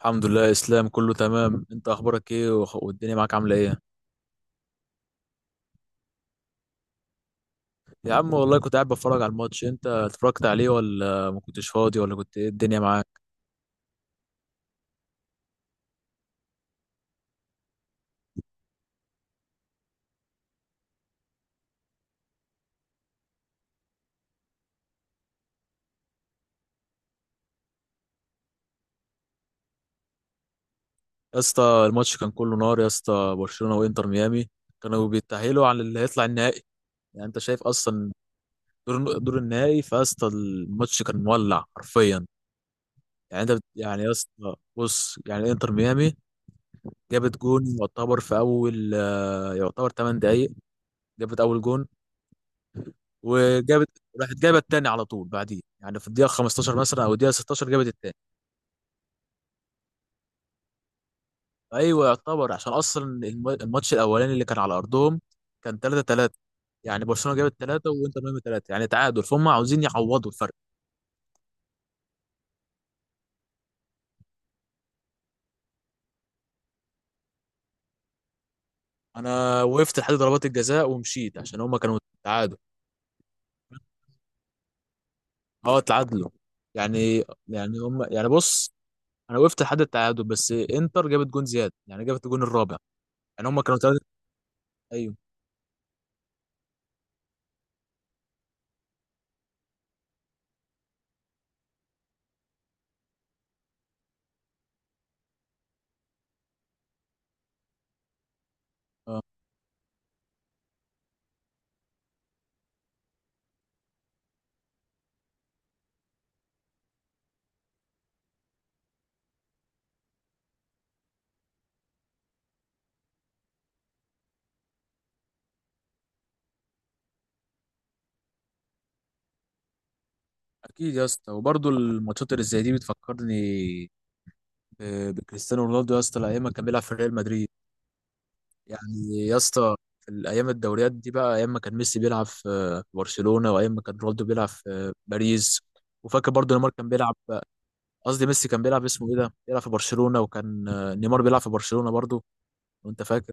الحمد لله يا اسلام، كله تمام. انت اخبارك ايه، والدنيا معاك عامله ايه؟ يا عم، والله كنت قاعد بتفرج على الماتش. انت اتفرجت عليه ولا ما كنتش فاضي، ولا كنت ايه الدنيا معاك؟ يا اسطى الماتش كان كله نار. يا اسطى، برشلونه وانتر ميامي كانوا بيتاهلوا على اللي هيطلع النهائي، يعني انت شايف اصلا. دور النهائي. فاسطى، الماتش كان مولع حرفيا. يعني انت يعني يا اسطى، بص، يعني انتر ميامي جابت جون يعتبر في اول، يعتبر 8 دقايق جابت اول جون. وجابت راحت جابت التاني على طول بعديه، يعني في الدقيقه 15 مثلا او الدقيقه 16 جابت التاني. ايوه يعتبر، عشان اصلا الماتش الاولاني اللي كان على ارضهم كان 3-3. يعني برشلونه جابت 3 وانتر ميامي 3، يعني تعادل، فهم عاوزين يعوضوا الفرق. انا وقفت لحد ضربات الجزاء ومشيت، عشان هم كانوا تعادل. اه، تعادلوا. يعني هم، يعني، بص، انا وقفت لحد التعادل، بس انتر جابت جون زياده، يعني جابت الجون الرابع. يعني هم كانوا 3، ايوه. اكيد يا اسطى. وبرضه الماتشات اللي زي دي بتفكرني بكريستيانو رونالدو، يا اسطى الايام ما كان بيلعب في ريال مدريد. يعني يا اسطى، في الايام الدوريات دي بقى، ايام ما كان ميسي بيلعب في برشلونه، وايام ما كان رونالدو بيلعب في باريس. وفاكر برضو نيمار كان بيلعب، قصدي ميسي كان بيلعب، اسمه ايه ده، بيلعب في برشلونه. وكان نيمار بيلعب في برشلونه برضو. وانت فاكر.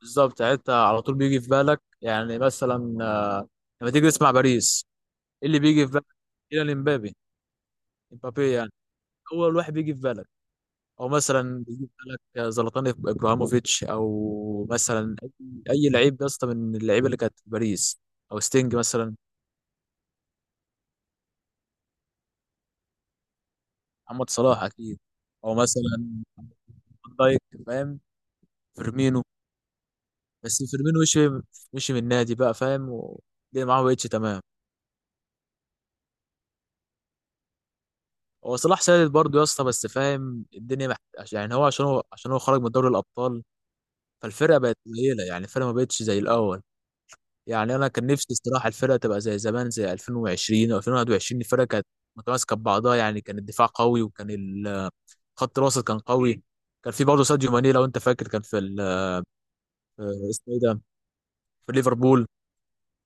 بالظبط، يعني انت على طول بيجي في بالك يعني مثلا، لما تيجي تسمع باريس، ايه اللي بيجي في بالك؟ إلى امبابي. امبابي، يعني اول واحد بيجي في بالك. او مثلا يجيب لك زلاتان ابراهيموفيتش، او مثلا أي لعيب يا اسطى من اللعيبه اللي كانت في باريس، او ستينج مثلا. محمد صلاح اكيد. او مثلا فان دايك، فاهم، فيرمينو. بس فيرمينو مشي من النادي بقى، فاهم، والدنيا معاه بقتش تمام. هو صلاح سادد برضه يا اسطى، بس فاهم الدنيا يعني هو، عشان هو خرج من دوري الابطال. فالفرقه بقت قليله، يعني الفرقه ما بقتش زي الاول. يعني انا كان نفسي الصراحه الفرقه تبقى زي زمان، زي 2020 او 2021. الفرقه كانت متماسكه ببعضها، يعني كان الدفاع قوي، وكان خط الوسط كان قوي. كان في برضه ساديو ماني لو انت فاكر. كان في اسمه ايه ده، في ليفربول.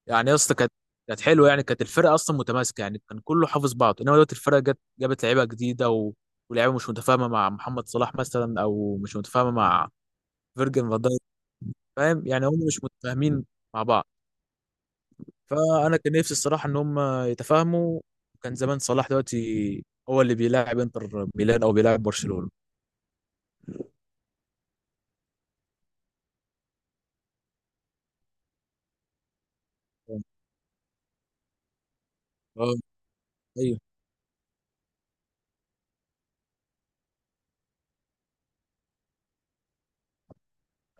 يعني يا اسطى كانت حلوه، يعني كانت الفرقه اصلا متماسكه، يعني كان كله حافظ بعضه. انما دلوقتي الفرقه جت جابت لعيبه جديده، ولعيبه مش متفاهمه مع محمد صلاح مثلا، او مش متفاهمه مع فيرجن فان دايك. فاهم؟ يعني هم مش متفاهمين مع بعض. فانا كان نفسي الصراحه ان هم يتفاهموا. كان زمان صلاح دلوقتي هو اللي بيلاعب انتر ميلان او بيلاعب برشلونه. اه، ايوه،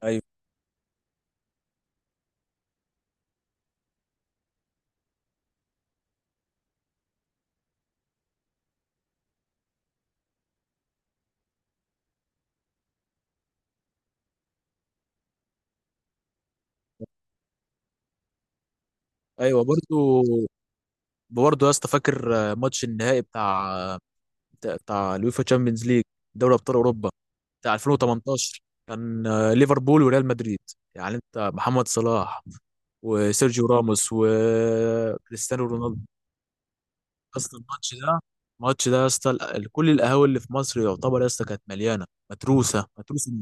ايوه، ايوه، برضو، برضو يا اسطى، فاكر ماتش النهائي بتاع اليوفا تشامبيونز ليج، دوري ابطال اوروبا، بتاع 2018. كان ليفربول وريال مدريد. يعني انت، محمد صلاح وسيرجيو راموس وكريستيانو رونالدو. اسطى الماتش ده يا اسطى، كل القهاوي اللي في مصر يعتبر يا اسطى كانت مليانه، متروسه متروسه.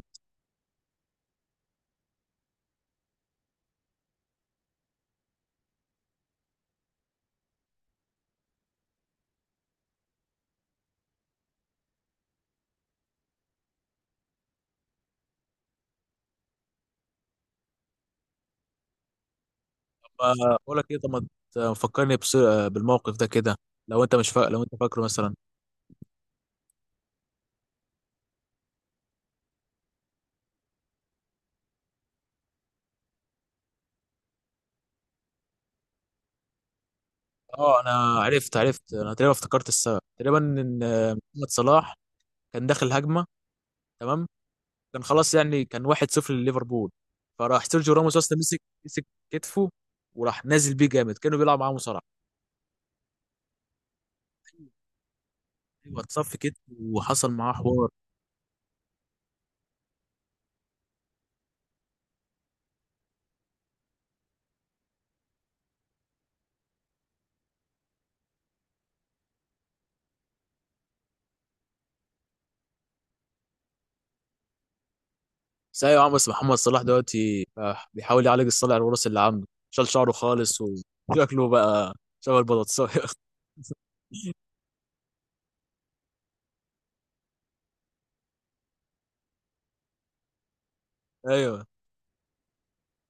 طب، بقول لك ايه؟ طب ما فكرني بالموقف ده كده. لو انت مش فا... لو انت فاكره مثلا. اه، انا عرفت. انا تقريبا افتكرت السبب تقريبا. ان محمد صلاح كان داخل هجمه. تمام. كان خلاص، يعني كان 1-0 لليفربول. فراح سيرجيو راموس اصلا مسك كتفه، وراح نازل بيه جامد كانه بيلعب معاه مصارعه. ايوه، اتصف كتفه وحصل معاه حوار. بس ايوه يا عم. بس محمد صلاح دلوقتي بيحاول يعالج الصلع الوراثي اللي عنده، شال شعره خالص وشكله بقى شبه البطاطساية ايوه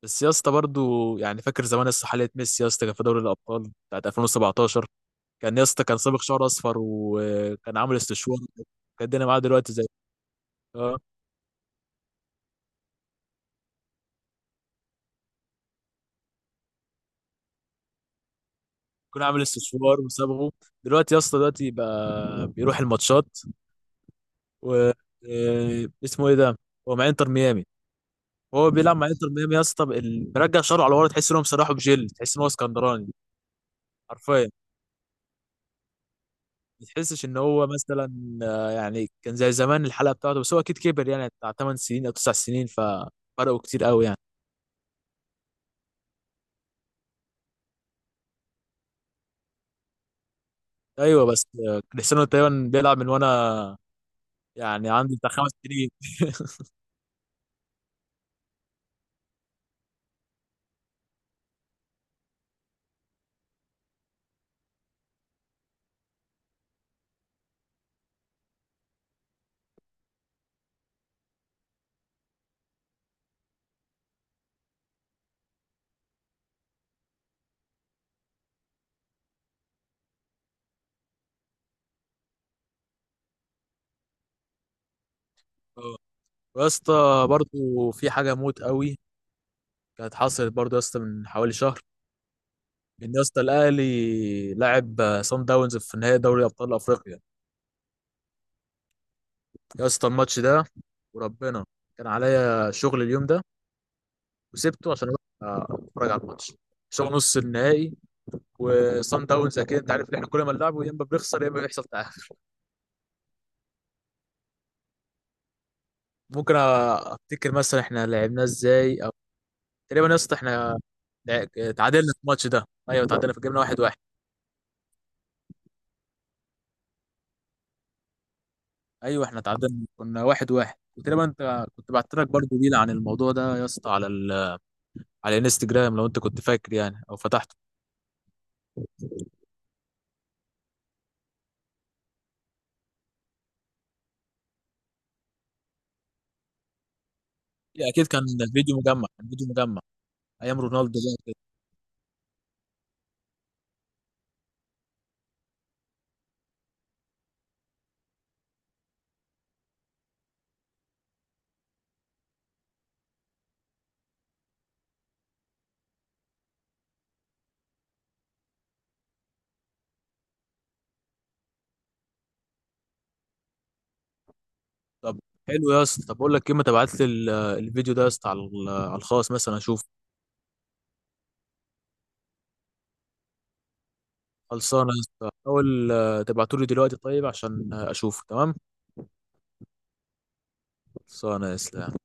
بس يا اسطى برضه، يعني فاكر زمان يا اسطى حالة ميسي؟ يا اسطى كان في دوري الابطال بتاعت 2017. كان يا اسطى كان صابغ شعر اصفر وكان عامل استشوار. كان الدنيا معاه دلوقتي زي... اه، كان عامل استشوار وصابغه. دلوقتي يا اسطى، دلوقتي بقى بيروح الماتشات و اسمه ايه ده، هو مع انتر ميامي. وهو بيلعب مع انتر ميامي يا اسطى، مرجع شعره على ورا، تحس ان هو مسرحه بجل، تحس ان هو اسكندراني حرفيا. ما تحسش ان هو مثلا يعني كان زي زمان الحلقه بتاعته، بس هو اكيد كبر. يعني بتاع 8 سنين او 9 سنين، ففرقوا كتير قوي يعني. ايوه. بس كريستيانو تقريبا بيلعب من وانا يعني عندي بتاع خمس سنين آه. ويا اسطى برضه في حاجه موت قوي، كانت حصلت برضه يا اسطى من حوالي شهر. ان يا اسطى الاهلي لعب صن داونز في نهائي دوري ابطال افريقيا. يا اسطى الماتش ده، وربنا كان عليا شغل اليوم ده، وسبته عشان اروح اتفرج على الماتش، شغل نص النهائي. وصن داونز اكيد انت عارف ان احنا كل ما نلعبه يا اما بنخسر يا اما بيحصل تعادل. ممكن افتكر مثلا احنا لعبناه ازاي. او تقريبا يا اسطى احنا لع- تعادلنا في الماتش ده. ايوه، تعادلنا، في، جبنا واحد واحد. ايوه احنا تعادلنا كنا واحد واحد. وتقريبا انت كنت بعت لك برضه ريل عن الموضوع ده يا اسطى على الانستجرام، لو انت كنت فاكر يعني، او فتحته. اكيد. كان فيديو مجمع ايام رونالدو. طب حلو يا اسطى. طب اقول لك ايه، ما تبعت لي الفيديو ده يا اسطى على الخاص مثلا اشوف. خلصانه يا اسطى، حاول تبعته لي دلوقتي طيب، عشان اشوفه. تمام، خلصانه يا اسطى.